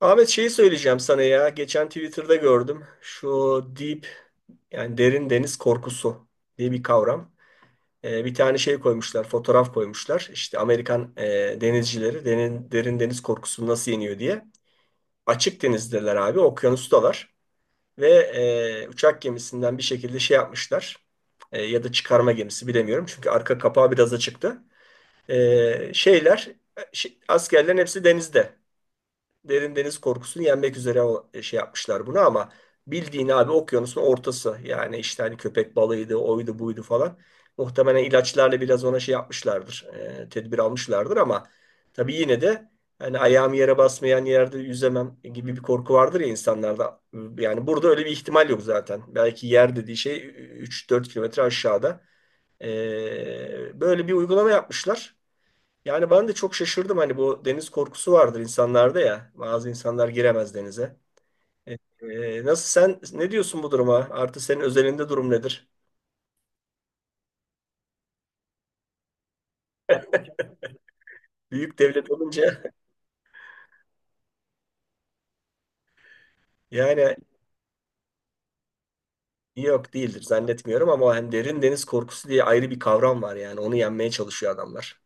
Ahmet şeyi söyleyeceğim sana ya. Geçen Twitter'da gördüm. Şu deep yani derin deniz korkusu diye bir kavram. Bir tane şey koymuşlar, fotoğraf koymuşlar. İşte Amerikan denizcileri derin deniz korkusunu nasıl yeniyor diye. Açık denizdeler abi, okyanustalar. Ve uçak gemisinden bir şekilde şey yapmışlar. Ya da çıkarma gemisi bilemiyorum. Çünkü arka kapağı biraz açıktı. Şeyler, askerlerin hepsi denizde derin deniz korkusunu yenmek üzere o şey yapmışlar bunu. Ama bildiğin abi okyanusun ortası yani işte hani köpek balığıydı oydu buydu falan muhtemelen ilaçlarla biraz ona şey yapmışlardır, tedbir almışlardır ama tabii yine de hani ayağım yere basmayan yerde yüzemem gibi bir korku vardır ya insanlarda. Yani burada öyle bir ihtimal yok zaten, belki yer dediği şey 3-4 kilometre aşağıda. Böyle bir uygulama yapmışlar. Yani ben de çok şaşırdım, hani bu deniz korkusu vardır insanlarda ya. Bazı insanlar giremez denize. Nasıl, sen ne diyorsun bu duruma? Artı senin özelinde durum nedir? Büyük devlet olunca yani yok değildir, zannetmiyorum ama hani derin deniz korkusu diye ayrı bir kavram var, yani onu yenmeye çalışıyor adamlar.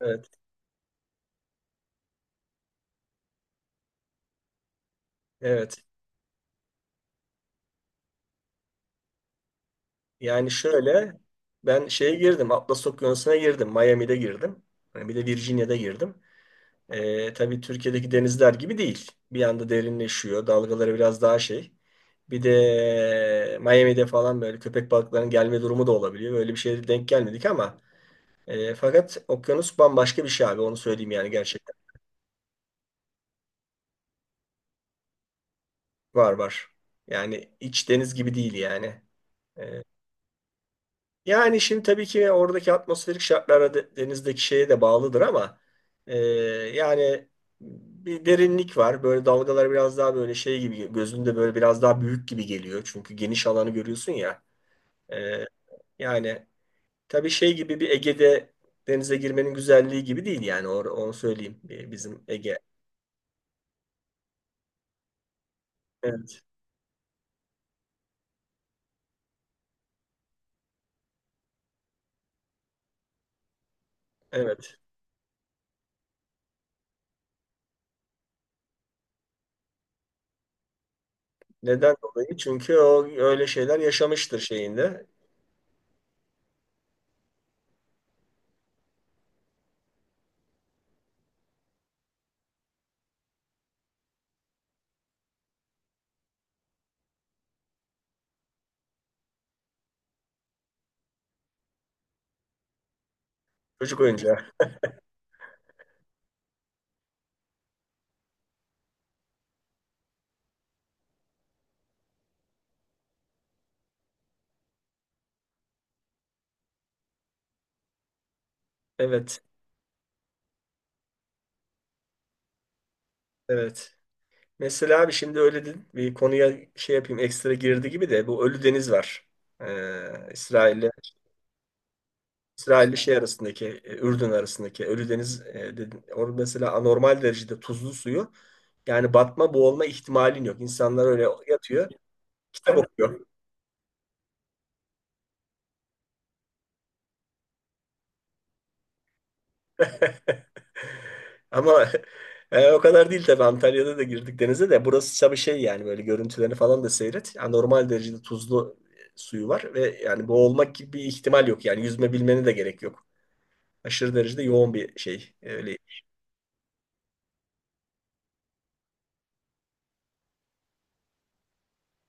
Evet, evet. Yani şöyle, ben şeye girdim Atlas Okyanusu'na girdim, Miami'de girdim. Hani bir de Virginia'da girdim. Tabii Türkiye'deki denizler gibi değil. Bir anda derinleşiyor. Dalgaları biraz daha şey. Bir de Miami'de falan böyle köpek balıklarının gelme durumu da olabiliyor. Böyle bir şeye denk gelmedik ama fakat okyanus bambaşka bir şey abi. Onu söyleyeyim, yani gerçekten. Var var. Yani iç deniz gibi değil yani. E, Yani şimdi tabii ki oradaki atmosferik şartlara, denizdeki şeye de bağlıdır ama e, yani bir derinlik var. Böyle dalgalar biraz daha böyle şey gibi, gözünde böyle biraz daha büyük gibi geliyor. Çünkü geniş alanı görüyorsun ya. E, yani tabii şey gibi, bir Ege'de denize girmenin güzelliği gibi değil yani, onu söyleyeyim, bizim Ege. Evet, evet. Neden dolayı? Çünkü o öyle şeyler yaşamıştır şeyinde. Çocuk oyuncağı. Evet, evet. Mesela abi şimdi öyle dedin. Bir konuya şey yapayım, ekstra girdi gibi de, bu Ölü Deniz var. İsrail'le şey arasındaki, Ürdün arasındaki Ölü Deniz dedin. Orada mesela anormal derecede tuzlu suyu, yani batma boğulma ihtimalin yok. İnsanlar öyle yatıyor kitap okuyor. Ama o kadar değil tabii, Antalya'da da girdik denize de, burası tabii şey yani, böyle görüntülerini falan da seyret. Anormal derecede tuzlu suyu var ve yani boğulmak gibi bir ihtimal yok, yani yüzme bilmene de gerek yok. Aşırı derecede yoğun bir şey. Öyle.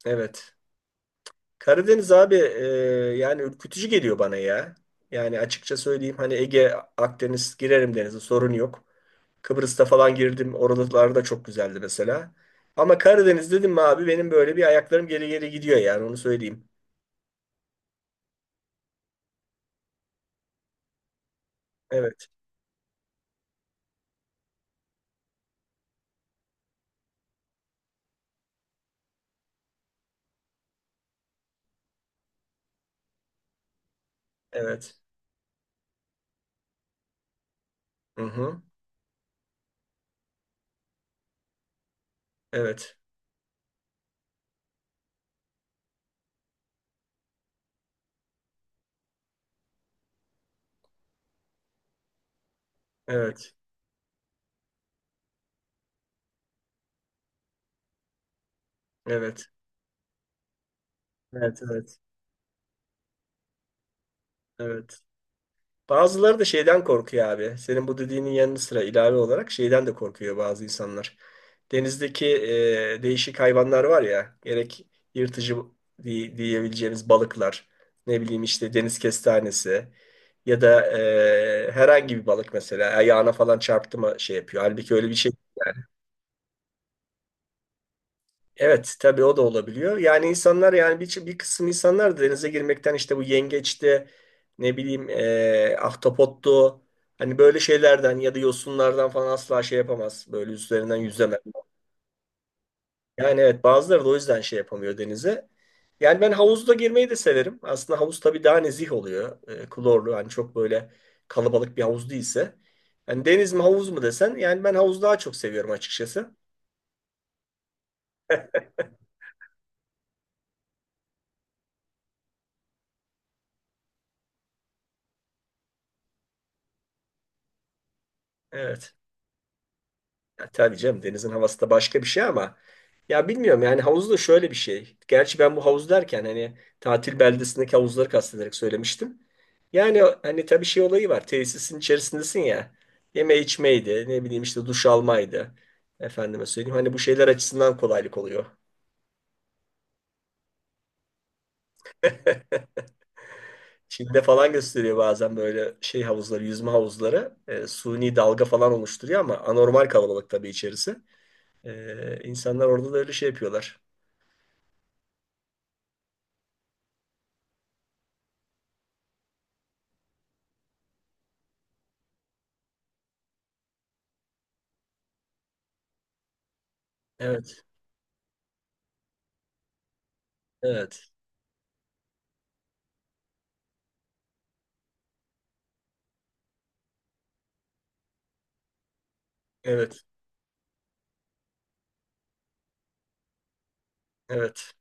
Evet. Karadeniz abi, yani ürkütücü geliyor bana ya. Yani açıkça söyleyeyim, hani Ege, Akdeniz girerim denize, sorun yok. Kıbrıs'ta falan girdim. Oralar da çok güzeldi mesela. Ama Karadeniz dedim mi abi, benim böyle bir ayaklarım geri geri gidiyor, yani onu söyleyeyim. Evet, evet. Hı hı. Evet, evet, evet, evet, evet, evet, evet. Bazıları da şeyden korkuyor abi. Senin bu dediğinin yanı sıra, ilave olarak şeyden de korkuyor bazı insanlar. Denizdeki değişik hayvanlar var ya, gerek yırtıcı diyebileceğimiz balıklar, ne bileyim işte deniz kestanesi, ya da herhangi bir balık mesela ayağına falan çarptı mı şey yapıyor. Halbuki öyle bir şey. Evet tabii, o da olabiliyor. Yani insanlar, yani bir kısım insanlar da denize girmekten, işte bu yengeçti, ne bileyim ahtapottu, hani böyle şeylerden ya da yosunlardan falan asla şey yapamaz. Böyle üzerinden yüzemez. Yani evet, bazıları da o yüzden şey yapamıyor denize. Yani ben havuzda girmeyi de severim. Aslında havuz tabii daha nezih oluyor. Klorlu, hani çok böyle kalabalık bir havuz değilse. Yani deniz mi havuz mu desen, yani ben havuzu daha çok seviyorum açıkçası. Evet. Ya tabii canım, denizin havası da başka bir şey ama ya bilmiyorum, yani havuz da şöyle bir şey. Gerçi ben bu havuz derken hani tatil beldesindeki havuzları kastederek söylemiştim. Yani hani tabii şey olayı var. Tesisin içerisindesin ya. Yeme içmeydi, ne bileyim işte duş almaydı. Efendime söyleyeyim, hani bu şeyler açısından kolaylık oluyor. Çin'de falan gösteriyor bazen böyle şey havuzları, yüzme havuzları. Suni dalga falan oluşturuyor ama anormal kalabalık tabii içerisi. İnsanlar orada da öyle şey yapıyorlar. Evet, evet. Evet, evet,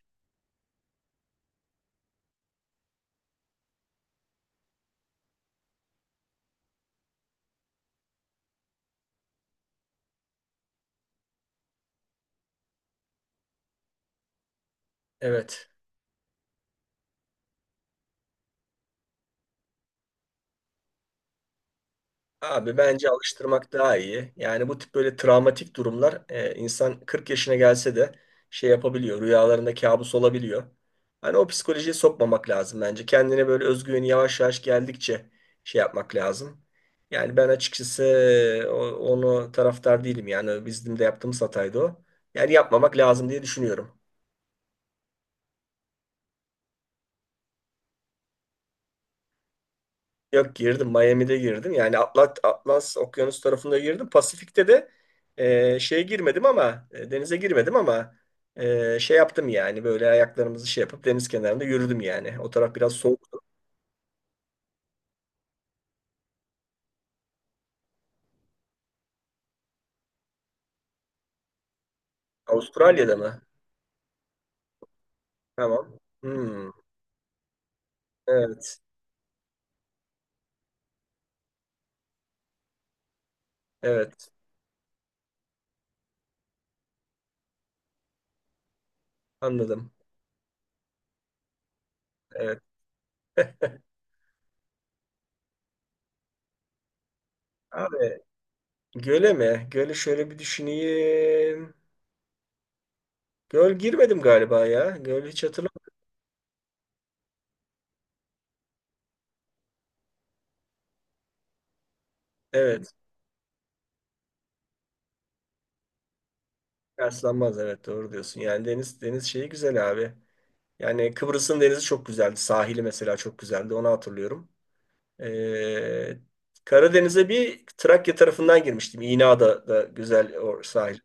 evet. Abi bence alıştırmak daha iyi. Yani bu tip böyle travmatik durumlar insan 40 yaşına gelse de şey yapabiliyor. Rüyalarında kabus olabiliyor. Hani o psikolojiye sokmamak lazım bence. Kendine böyle özgüveni yavaş yavaş geldikçe şey yapmak lazım. Yani ben açıkçası onu taraftar değilim. Yani bizim de yaptığımız hataydı o. Yani yapmamak lazım diye düşünüyorum. Yok girdim. Miami'de girdim. Yani Atlas Okyanus tarafında girdim. Pasifik'te de şeye girmedim ama denize girmedim ama şey yaptım, yani böyle ayaklarımızı şey yapıp deniz kenarında yürüdüm yani. O taraf biraz soğuktu. Avustralya'da mı? Tamam. Hmm, evet. Evet. Anladım. Evet. Abi, göle mi? Göle şöyle bir düşüneyim. Göl girmedim galiba ya. Göl hiç hatırlamıyorum. Evet. Yaslanmaz, evet doğru diyorsun. Yani deniz deniz şeyi güzel abi. Yani Kıbrıs'ın denizi çok güzeldi. Sahili mesela çok güzeldi. Onu hatırlıyorum. Ee, Karadeniz'e bir Trakya tarafından girmiştim. İna'da da güzel o sahil.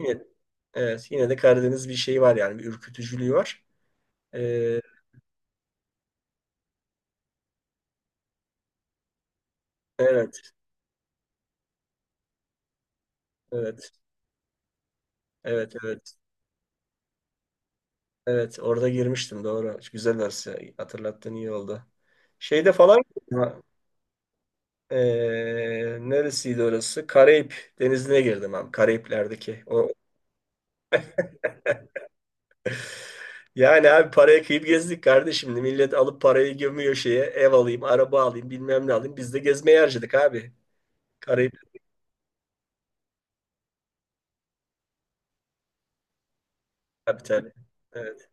Yine- Evet, yine de Karadeniz bir şeyi var, yani bir ürkütücülüğü var. Ee, evet, evet, evet, evet, evet. Orada girmiştim, doğru. Güzel orası. Hatırlattığın iyi oldu. Şeyde falan, ee, neresiydi orası? Karayip Denizi'ne girdim abi. Karayipler'deki. Yani abi paraya kıyıp gezdik kardeşim. Millet alıp parayı gömüyor şeye. Ev alayım, araba alayım, bilmem ne alayım. Biz de gezmeye harcadık abi. Karayip kapitali. Evet,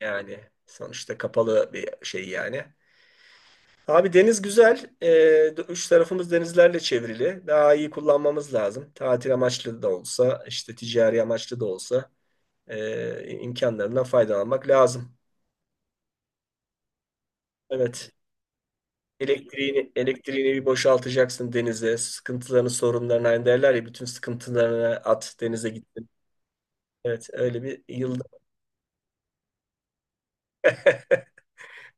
yani sonuçta kapalı bir şey yani. Abi deniz güzel. Üç tarafımız denizlerle çevrili. Daha iyi kullanmamız lazım. Tatil amaçlı da olsa, işte ticari amaçlı da olsa imkanlarından faydalanmak lazım. Evet. Elektriğini bir boşaltacaksın denize. Sıkıntılarını, sorunlarını, aynı derler ya, bütün sıkıntılarını at denize gittin. Evet, öyle bir yılda.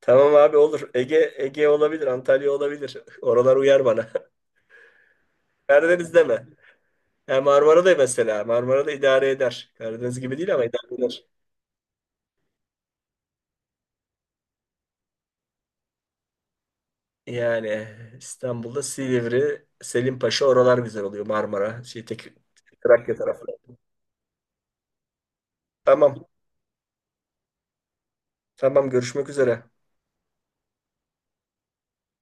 Tamam abi, olur. Ege Ege olabilir, Antalya olabilir. Oralar uyar bana. Karadeniz deme. Ya Marmara da mesela. Marmara da idare eder. Karadeniz gibi değil ama idare eder. Yani İstanbul'da Silivri, Selimpaşa oralar güzel oluyor. Marmara, şey tek Trakya tarafı. Tamam. Tamam, görüşmek üzere.